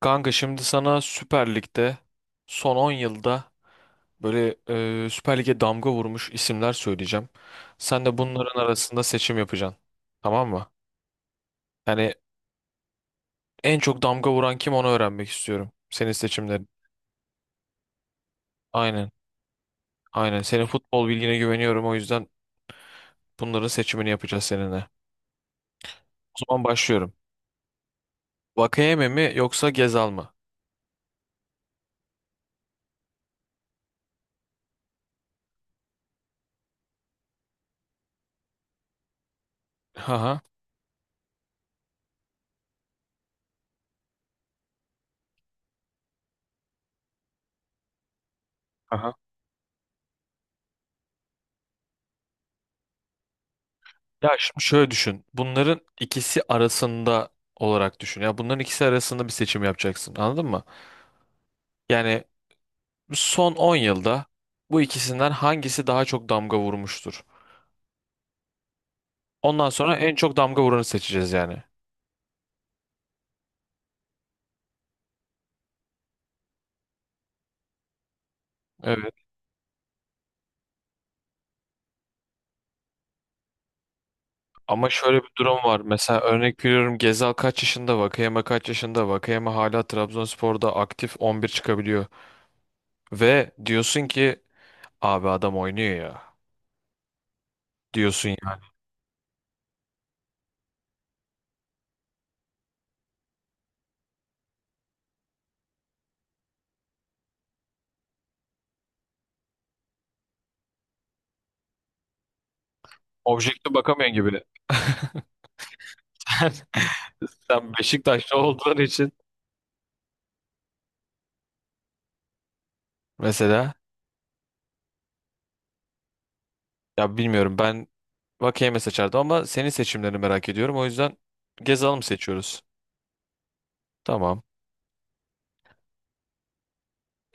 Kanka şimdi sana Süper Lig'de son 10 yılda böyle Süper Lig'e damga vurmuş isimler söyleyeceğim. Sen de bunların arasında seçim yapacaksın. Tamam mı? Yani en çok damga vuran kim onu öğrenmek istiyorum. Senin seçimlerin. Aynen. Aynen. Senin futbol bilgine güveniyorum, o yüzden bunların seçimini yapacağız seninle. O zaman başlıyorum. Vakayeme mi yoksa Gezal mı? Haha. Aha. Ya şimdi şöyle düşün. Bunların ikisi arasında olarak düşün. Ya bunların ikisi arasında bir seçim yapacaksın. Anladın mı? Yani son 10 yılda bu ikisinden hangisi daha çok damga vurmuştur? Ondan sonra en çok damga vuranı seçeceğiz yani. Evet. Ama şöyle bir durum var. Mesela örnek veriyorum, Gezal kaç yaşında, Vakayeme kaç yaşında, Vakayeme hala Trabzonspor'da aktif 11 çıkabiliyor. Ve diyorsun ki abi adam oynuyor ya. Diyorsun yani. Objektif bakamıyorsun gibi. Sen Beşiktaşlı olduğun için mesela, ya bilmiyorum, ben Vakeyeme seçerdim ama senin seçimlerini merak ediyorum. O yüzden Gezal'ı mı seçiyoruz? Tamam.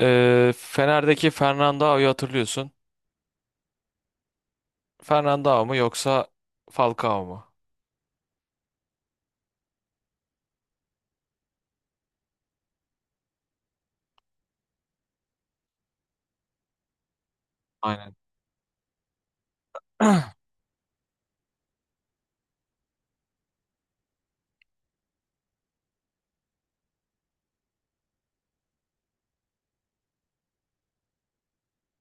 Fener'deki Fernandao'yu hatırlıyorsun. Fernandao mu yoksa Falcao mu? Aynen.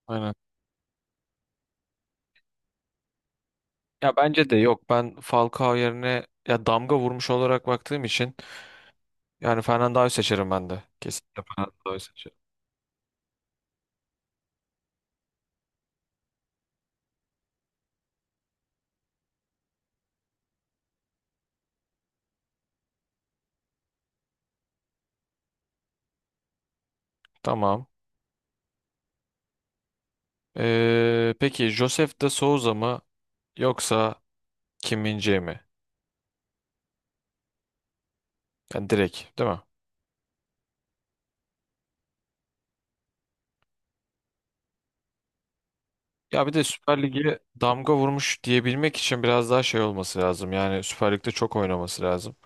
Aynen. Ya bence de yok. Ben Falcao yerine, ya damga vurmuş olarak baktığım için, yani Fernandao'yu seçerim ben de. Kesinlikle Fernandao'yu seçerim. Tamam. Peki Josef de Souza mı yoksa Kim min mi? Yani direkt değil mi? Ya bir de Süper Lig'e damga vurmuş diyebilmek için biraz daha şey olması lazım. Yani Süper Lig'de çok oynaması lazım.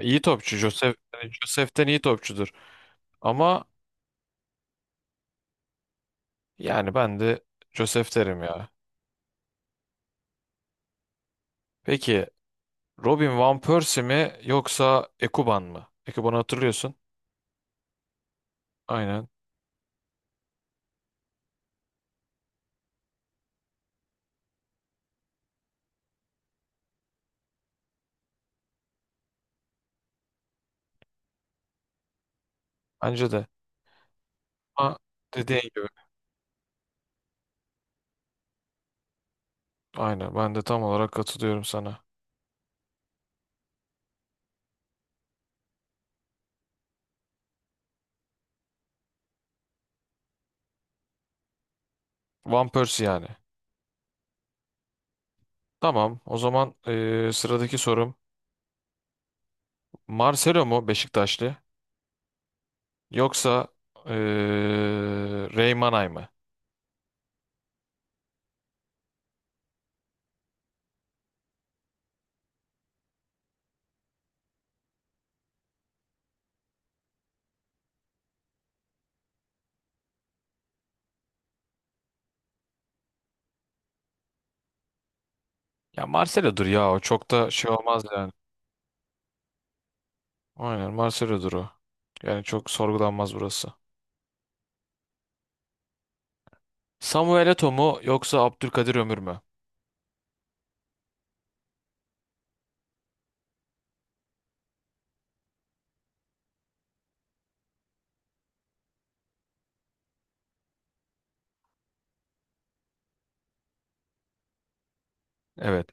İyi topçu. Josef, yani Josef'ten iyi topçudur. Ama yani ben de Josef derim ya. Peki Robin Van Persie mi yoksa Ekuban mı? Ekuban'ı hatırlıyorsun. Aynen. Bence de. Ama dediğin gibi. Aynen. Ben de tam olarak katılıyorum sana. Van Persie yani. Tamam. O zaman sıradaki sorum. Marcelo mu Beşiktaşlı? Yoksa eee Reymanay mı? Ya Marcelo'dur ya, o çok da şey olmaz yani. Aynen Marcelo'dur o. Yani çok sorgulanmaz burası. Samuel Eto'o mu yoksa Abdülkadir Ömür mü? Evet.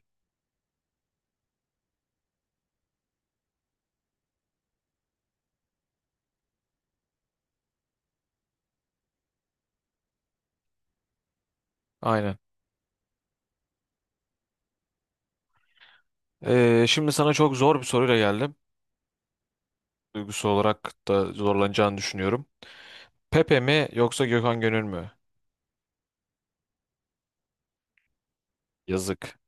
Aynen. Şimdi sana çok zor bir soruyla geldim. Duygusal olarak da zorlanacağını düşünüyorum. Pepe mi yoksa Gökhan Gönül mü? Yazık.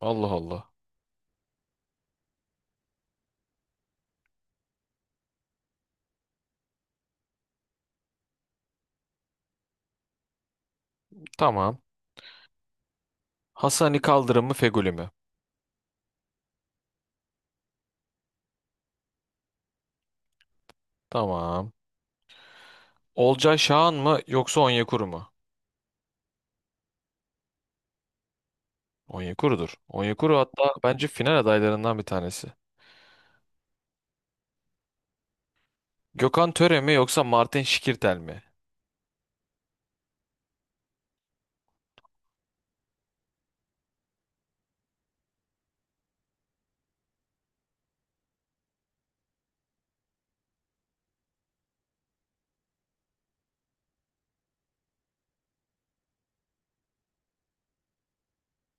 Allah Allah. Tamam. Hasani Kaldırım mı Fegüli mi? Tamam. Olcay Şahan mı yoksa Onyekuru mu? Onyekuru'dur. Onyekuru hatta bence final adaylarından bir tanesi. Gökhan Töre mi yoksa Martin Şikirtel mi?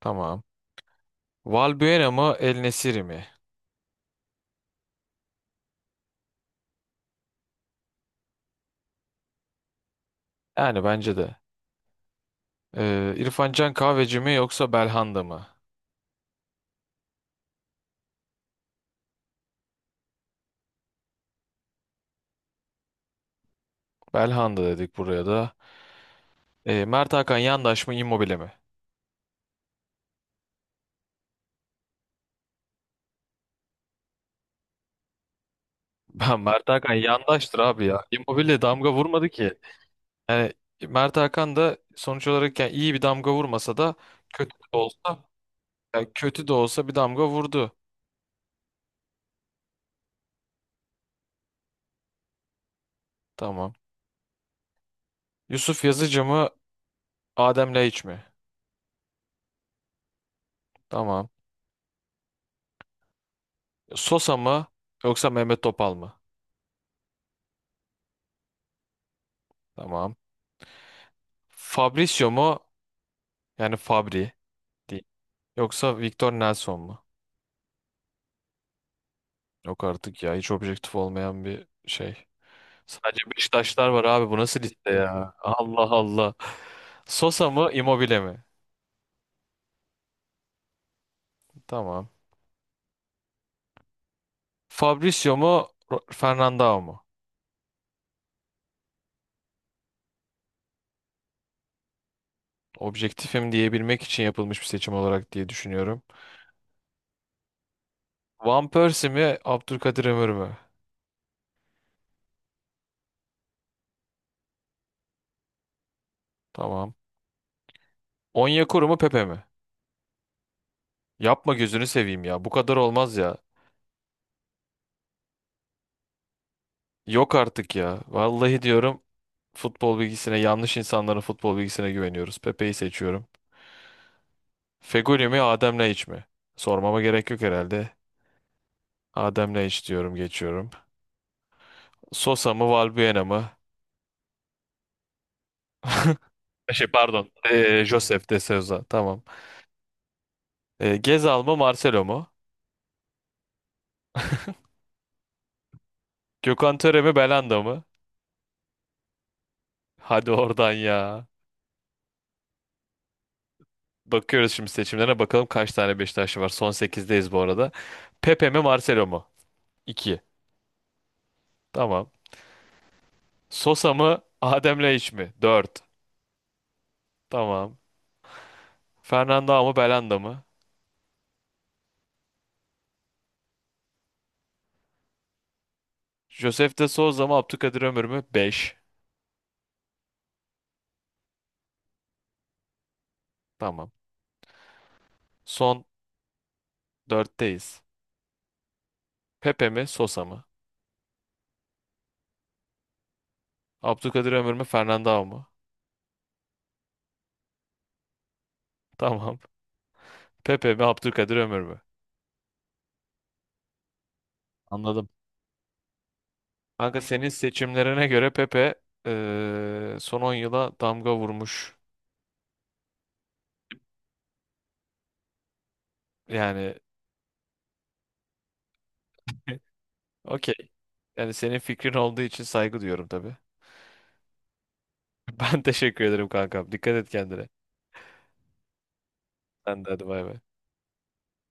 Tamam. Valbuena mı El Nesiri mi? Yani bence de. İrfan Can Kahveci mi yoksa Belhanda mı? Belhanda dedik buraya da. Mert Hakan Yandaş mı Immobile mi? Ben Mert Hakan Yandaş'tır abi ya. Immobile damga vurmadı ki. Yani Mert Hakan da sonuç olarak yani iyi bir damga vurmasa da, kötü de olsa, yani kötü de olsa bir damga vurdu. Tamam. Yusuf Yazıcı mı Adem Laiç mi? Tamam. Sosa mı yoksa Mehmet Topal mı? Tamam. Fabrizio mu? Yani Fabri değil. Yoksa Victor Nelson mu? Yok artık ya, hiç objektif olmayan bir şey. Sadece Beşiktaşlar var abi, bu nasıl liste ya? Allah Allah. Sosa mı Immobile mi? Tamam. Fabrizio mu Fernandao mu? Objektifim diyebilmek için yapılmış bir seçim olarak diye düşünüyorum. Van Persie mi Abdülkadir Ömür mü? Tamam. Onyekuru mu Pepe mi? Yapma gözünü seveyim ya. Bu kadar olmaz ya. Yok artık ya. Vallahi diyorum futbol bilgisine, yanlış insanların futbol bilgisine güveniyoruz. Pepe'yi seçiyorum. Feguli mi Adem iç mi? Sormama gerek yok herhalde. Adem iç diyorum geçiyorum. Sosa mı Valbuena mı? Şey pardon. Josef de Souza. Tamam. Gezal mı Marcelo mu? Gökhan Töre mi Belanda mı? Hadi oradan ya. Bakıyoruz şimdi, seçimlere bakalım kaç tane Beşiktaşlı var. Son sekizdeyiz bu arada. Pepe mi Marcelo mu? 2. Tamam. Sosa mı Adem Laiç mi? 4. Tamam. Fernanda mı Belanda mı? Josef de Souza mı Abdülkadir Ömür mü? 5. Tamam. Son 4'teyiz. Pepe mi Sosa mı? Abdülkadir Ömür mü Fernanda mı? Tamam. Pepe mi Abdülkadir Ömür mü? Anladım. Kanka senin seçimlerine göre Pepe son 10 yıla damga vurmuş. Yani okey. Yani senin fikrin olduğu için saygı duyuyorum tabii. Ben teşekkür ederim kankam. Dikkat et kendine. Sen de hadi bay bay.